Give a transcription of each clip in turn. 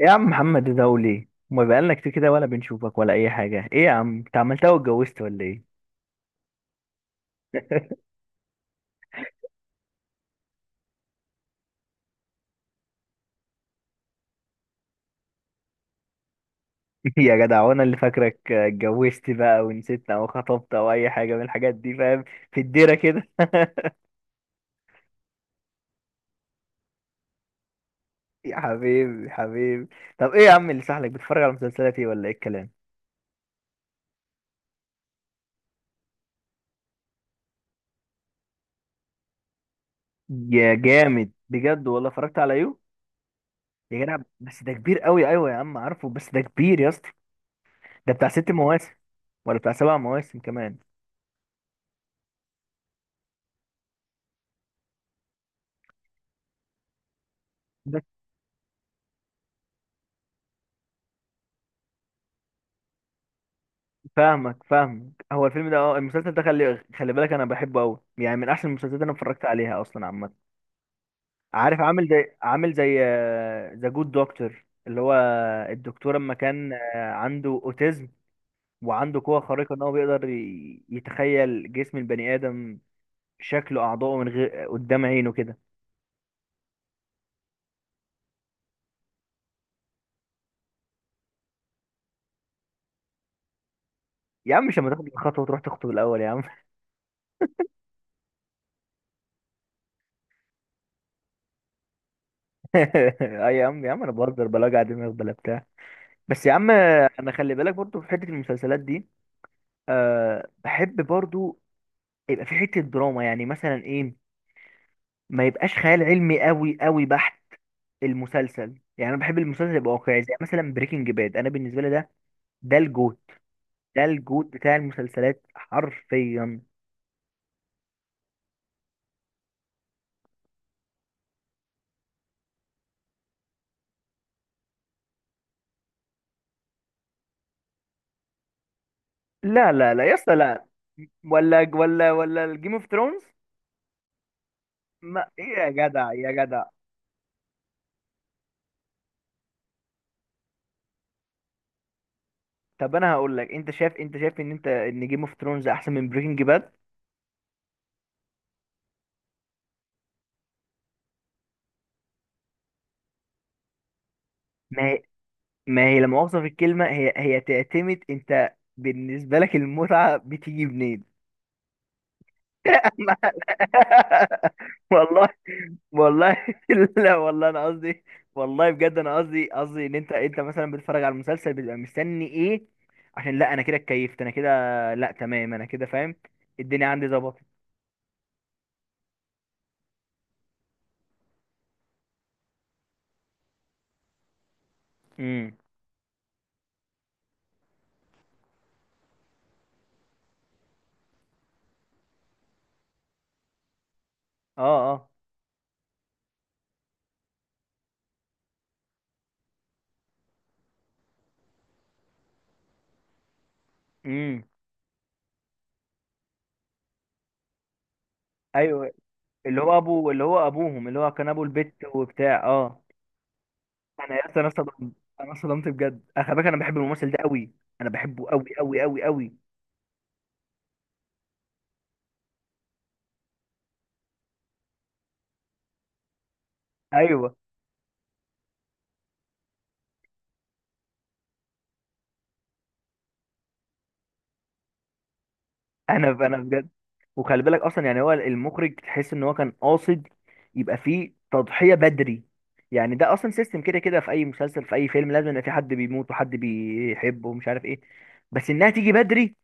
إيه يا عم محمد ده؟ وليه ما بقالنا كتير كده ولا بنشوفك ولا اي حاجه؟ ايه يا عم انت عملتها واتجوزت ولا ايه؟ يا جدع وانا اللي فاكرك اتجوزت بقى ونسيتنا او خطبت او اي حاجه من الحاجات دي، فاهم؟ في الديره كده. يا حبيبي يا حبيبي. طب ايه يا عم اللي سحلك بتتفرج على مسلسلات ايه ولا ايه الكلام؟ يا جامد بجد والله، اتفرجت على يو. يا جدع بس ده كبير قوي، ايوه يا عم عارفه بس ده كبير يا اسطى. ده بتاع ست مواسم ولا بتاع سبع مواسم كمان؟ فاهمك. هو الفيلم ده، المسلسل ده، خلي بالك انا بحبه قوي، يعني من احسن المسلسلات اللي انا اتفرجت عليها اصلا عامه. عارف عامل زي ذا جود دكتور، اللي هو الدكتور اما كان عنده اوتيزم، وعنده قوه خارقه ان هو بيقدر يتخيل جسم البني ادم، شكله، اعضائه من غير قدام عينه كده. يا عم مش لما تاخد الخطوه وتروح تخطب الاول يا عم؟ اي يا عم يا عم، انا بهزر، بلا وجع دماغ بلا بتاع. بس يا عم، انا خلي بالك برضو في حته المسلسلات دي، أه بحب برضو يبقى في حتة دراما، يعني مثلا ايه، ما يبقاش خيال علمي قوي قوي بحت. المسلسل يعني انا بحب المسلسل يبقى واقعي، زي مثلا بريكنج باد، انا بالنسبة لي ده، ده الجوت ده الجوت بتاع المسلسلات حرفيا. لا لا لا يا اسطى لا، ولا الجيم اوف ثرونز. ما ايه يا جدع يا جدع؟ طب انا هقول لك، انت شايف ان انت ان جيم اوف ثرونز احسن من بريكنج باد؟ ما ما هي لما اوصف الكلمه، هي تعتمد، انت بالنسبه لك المتعه بتيجي منين؟ والله. والله. لا والله انا قصدي، والله بجد انا قصدي ان انت، مثلا بتتفرج على المسلسل بتبقى مستني ايه؟ عشان لا انا كده اتكيفت انا كده. لا تمام، انا كده فاهم. الدنيا عندي ظبطت. امم. اه اه. امم. ايوه اللي هو ابو، اللي هو ابوهم، اللي هو كان ابو البت وبتاع، اه. انا يا اسطى انا اصطدمت، بجد، انا خلي بالك انا بحب الممثل ده قوي، انا بحبه قوي قوي قوي قوي. ايوه انا بجد. وخلي بالك اصلا، يعني هو المخرج تحس ان هو كان قاصد يبقى فيه تضحيه بدري. يعني ده اصلا سيستم كده كده في اي مسلسل، في اي فيلم، لازم يبقى في حد بيموت وحد بيحبه ومش عارف ايه، بس انها تيجي بدري.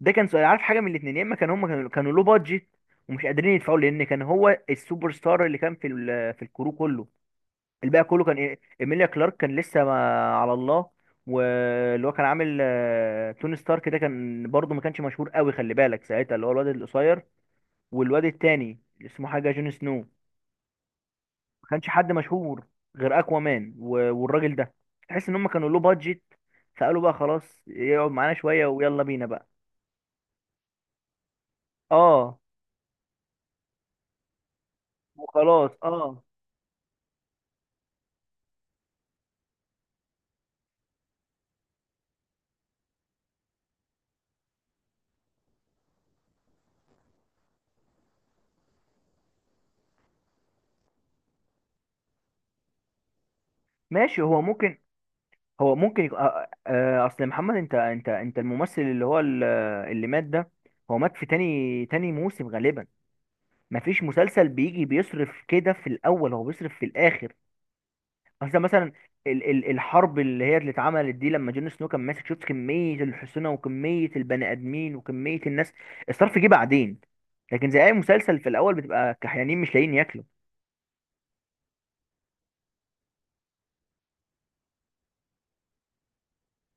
ده كان سؤال، عارف، حاجه من الاثنين، يا اما كان هم كانوا لو بادجت ومش قادرين يدفعوا، لان كان هو السوبر ستار اللي كان في في الكرو كله. الباقي كله كان إيه؟ ايميليا كلارك كان لسه ما على الله. واللي هو كان عامل توني ستارك، ده كان برضه ما كانش مشهور قوي، خلي بالك ساعتها، اللي هو الواد القصير. والواد التاني اللي اسمه حاجه، جون سنو، ما كانش حد مشهور، غير اكوامان والراجل ده. تحس ان هم كانوا له بادجت، فقالوا بقى خلاص يقعد معانا شويه ويلا بينا بقى. اه وخلاص، اه. ماشي، هو ممكن، هو ممكن يكون، اصل محمد، انت انت الممثل اللي هو اللي مات ده، هو مات في تاني موسم غالبا. مفيش مسلسل بيجي بيصرف كده في الاول، هو بيصرف في الاخر. اصل مثلا ال ال الحرب اللي هي اللي اتعملت دي، لما جون سنو كان ماسك، شفت كمية الحصنة وكمية البني ادمين وكمية الناس، الصرف جه بعدين. لكن زي اي مسلسل في الاول بتبقى كحيانين مش لاقيين ياكلوا.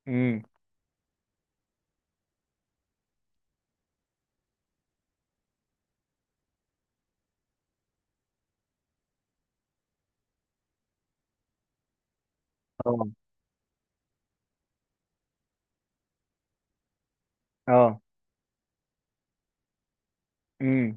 امم. اه اه.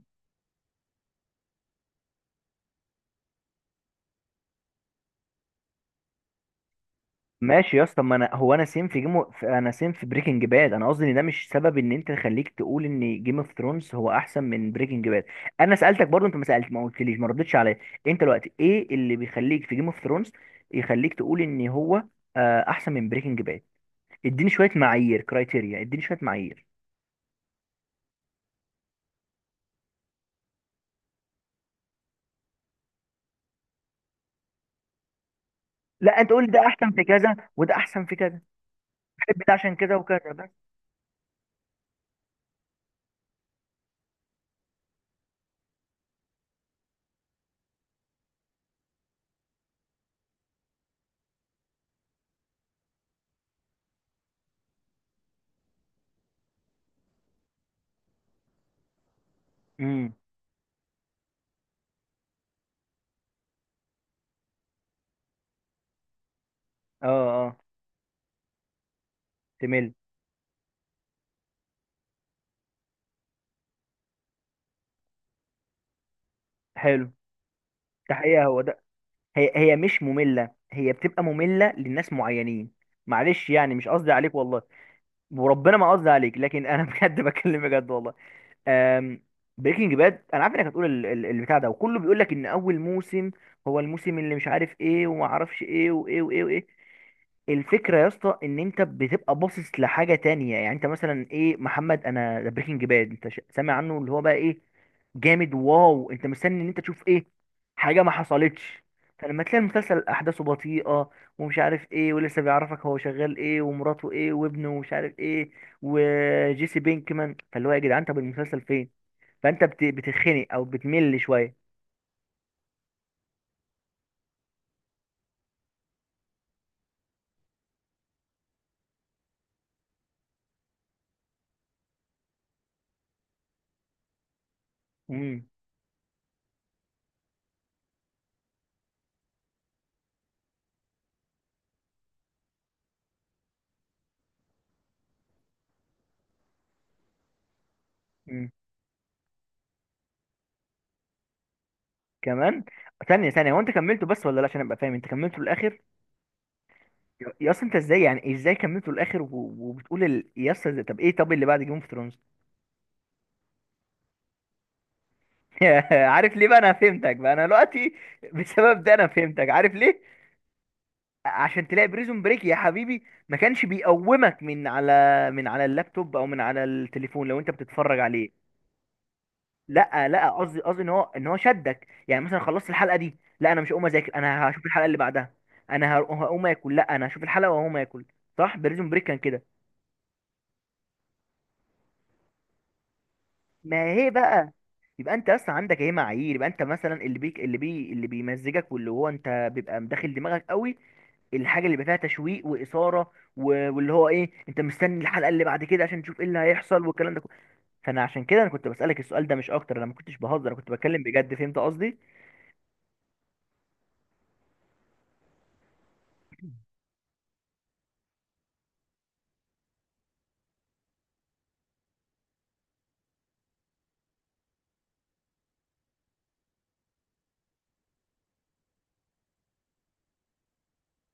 ماشي يا اسطى، ما انا هو انا سيم في جيم في، انا سيم في بريكنج باد. انا قصدي ان ده مش سبب ان انت تخليك تقول ان جيم اوف ثرونز هو احسن من بريكنج باد. انا سالتك برضو، انت ما سالت، ما قلتليش، ما ردتش عليا. انت دلوقتي ايه اللي بيخليك في جيم اوف ثرونز يخليك تقول ان هو، احسن من بريكنج باد؟ اديني شويه معايير، كرايتيريا، اديني شويه معايير. لا انت قول ده احسن في كذا وده احسن في كذا. بحب ده عشان كده وكذا بس. امم. اه اه. تمل. حلو. ده حقيقه هو ده، هي مش مملة، هي بتبقى مملة للناس معينين. معلش يعني مش قصدي عليك والله، وربنا ما قصدي عليك، لكن انا بجد بكلم بجد والله. بريكنج باد، انا عارف انك هتقول البتاع ده، وكله بيقول لك ان اول موسم هو الموسم اللي مش عارف ايه وما اعرفش ايه وايه وايه وايه. الفكره يا اسطى ان انت بتبقى باصص لحاجه تانية، يعني انت مثلا ايه محمد، انا ده بريكنج باد، انت سامع عنه اللي هو بقى ايه، جامد، واو، انت مستني ان انت تشوف ايه. حاجه ما حصلتش. فلما تلاقي المسلسل احداثه بطيئه ومش عارف ايه، ولسه بيعرفك هو شغال ايه ومراته ايه وابنه ومش عارف ايه وجيسي بينكمان، فاللي هو يا جدعان طب المسلسل فين؟ فانت بتتخنق او بتمل شويه. امم. امم. كمان؟ ثانيه ثانيه، هو انت كملته بس ولا لا، عشان ابقى فاهم، انت كملته للاخر؟ يا اصلا انت ازاي، يعني ازاي كملته للاخر وبتقول يا اسطى طب ايه، طب اللي بعد جيم اوف ثرونز؟ عارف ليه بقى، انا فهمتك بقى انا دلوقتي، بسبب ده انا فهمتك، عارف ليه؟ عشان تلاقي بريزون بريك يا حبيبي ما كانش بيقومك من على، من على اللابتوب او من على التليفون، لو انت بتتفرج عليه. لا لا، قصدي، ان هو، شدك، يعني مثلا خلصت الحلقه دي، لا انا مش هقوم اذاكر، انا هشوف الحلقه اللي بعدها، انا هقوم اكل، لا انا هشوف الحلقه وهقوم اكل. صح، بريزون بريك كان كده. ما هي بقى يبقى انت اصلا عندك ايه معايير، يبقى انت مثلا، اللي بيك اللي بي اللي بيمزجك واللي هو انت بيبقى مداخل دماغك قوي، الحاجه اللي بيبقى فيها تشويق واثاره، واللي هو ايه انت مستني الحلقه اللي بعد كده عشان تشوف ايه اللي هيحصل والكلام ده كله. فانا عشان كده انا كنت بسالك السؤال ده مش اكتر، انا ما كنتش بهزر، انا كنت بتكلم بجد، فهمت قصدي؟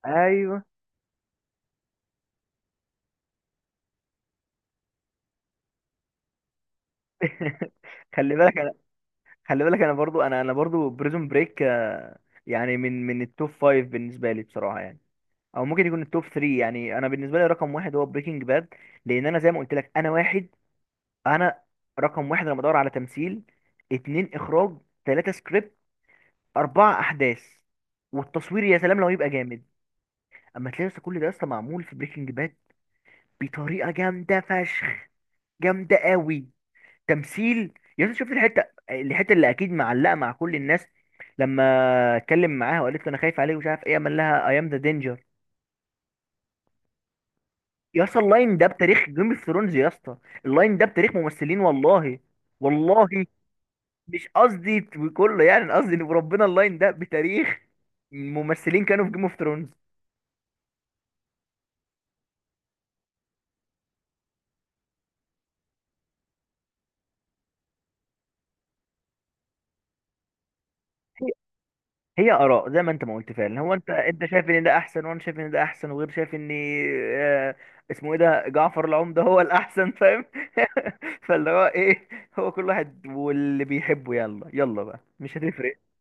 ايوه. خلي بالك انا، خلي بالك انا برضو، انا برضو، بريزون بريك يعني من التوب فايف بالنسبه لي بصراحه، يعني او ممكن يكون التوب 3. يعني انا بالنسبه لي رقم واحد هو بريكنج باد، لان انا زي ما قلت لك، انا واحد، انا رقم واحد لما بدور على تمثيل، اتنين اخراج، تلاته سكريبت، اربعه احداث، والتصوير يا سلام لو يبقى جامد. اما تلاقي لسه كل ده لسه معمول في بريكنج باد بطريقه جامده فشخ، جامده قوي. تمثيل يا أخي، شفت الحته، الحته اللي اكيد معلقه مع كل الناس، لما اتكلم معاها وقالت له انا خايف عليه ومش عارف ايه، قال لها اي ام ذا دينجر. يا اسطى اللاين ده بتاريخ جيم اوف ثرونز يا اسطى، اللاين ده بتاريخ ممثلين، والله. والله. مش قصدي كله، يعني أنا قصدي ان ربنا اللاين ده بتاريخ ممثلين كانوا في جيم اوف ثرونز. هي اراء زي ما انت ما قلت فعلا، هو انت شايف ان ده احسن، وانا شايف ان ده احسن، وغير شايف ان، آه، اسمه ايه ده، جعفر العمدة، هو الاحسن، فاهم؟ فاللي هو ايه، هو كل واحد واللي بيحبه، يلا يلا بقى مش هتفرق.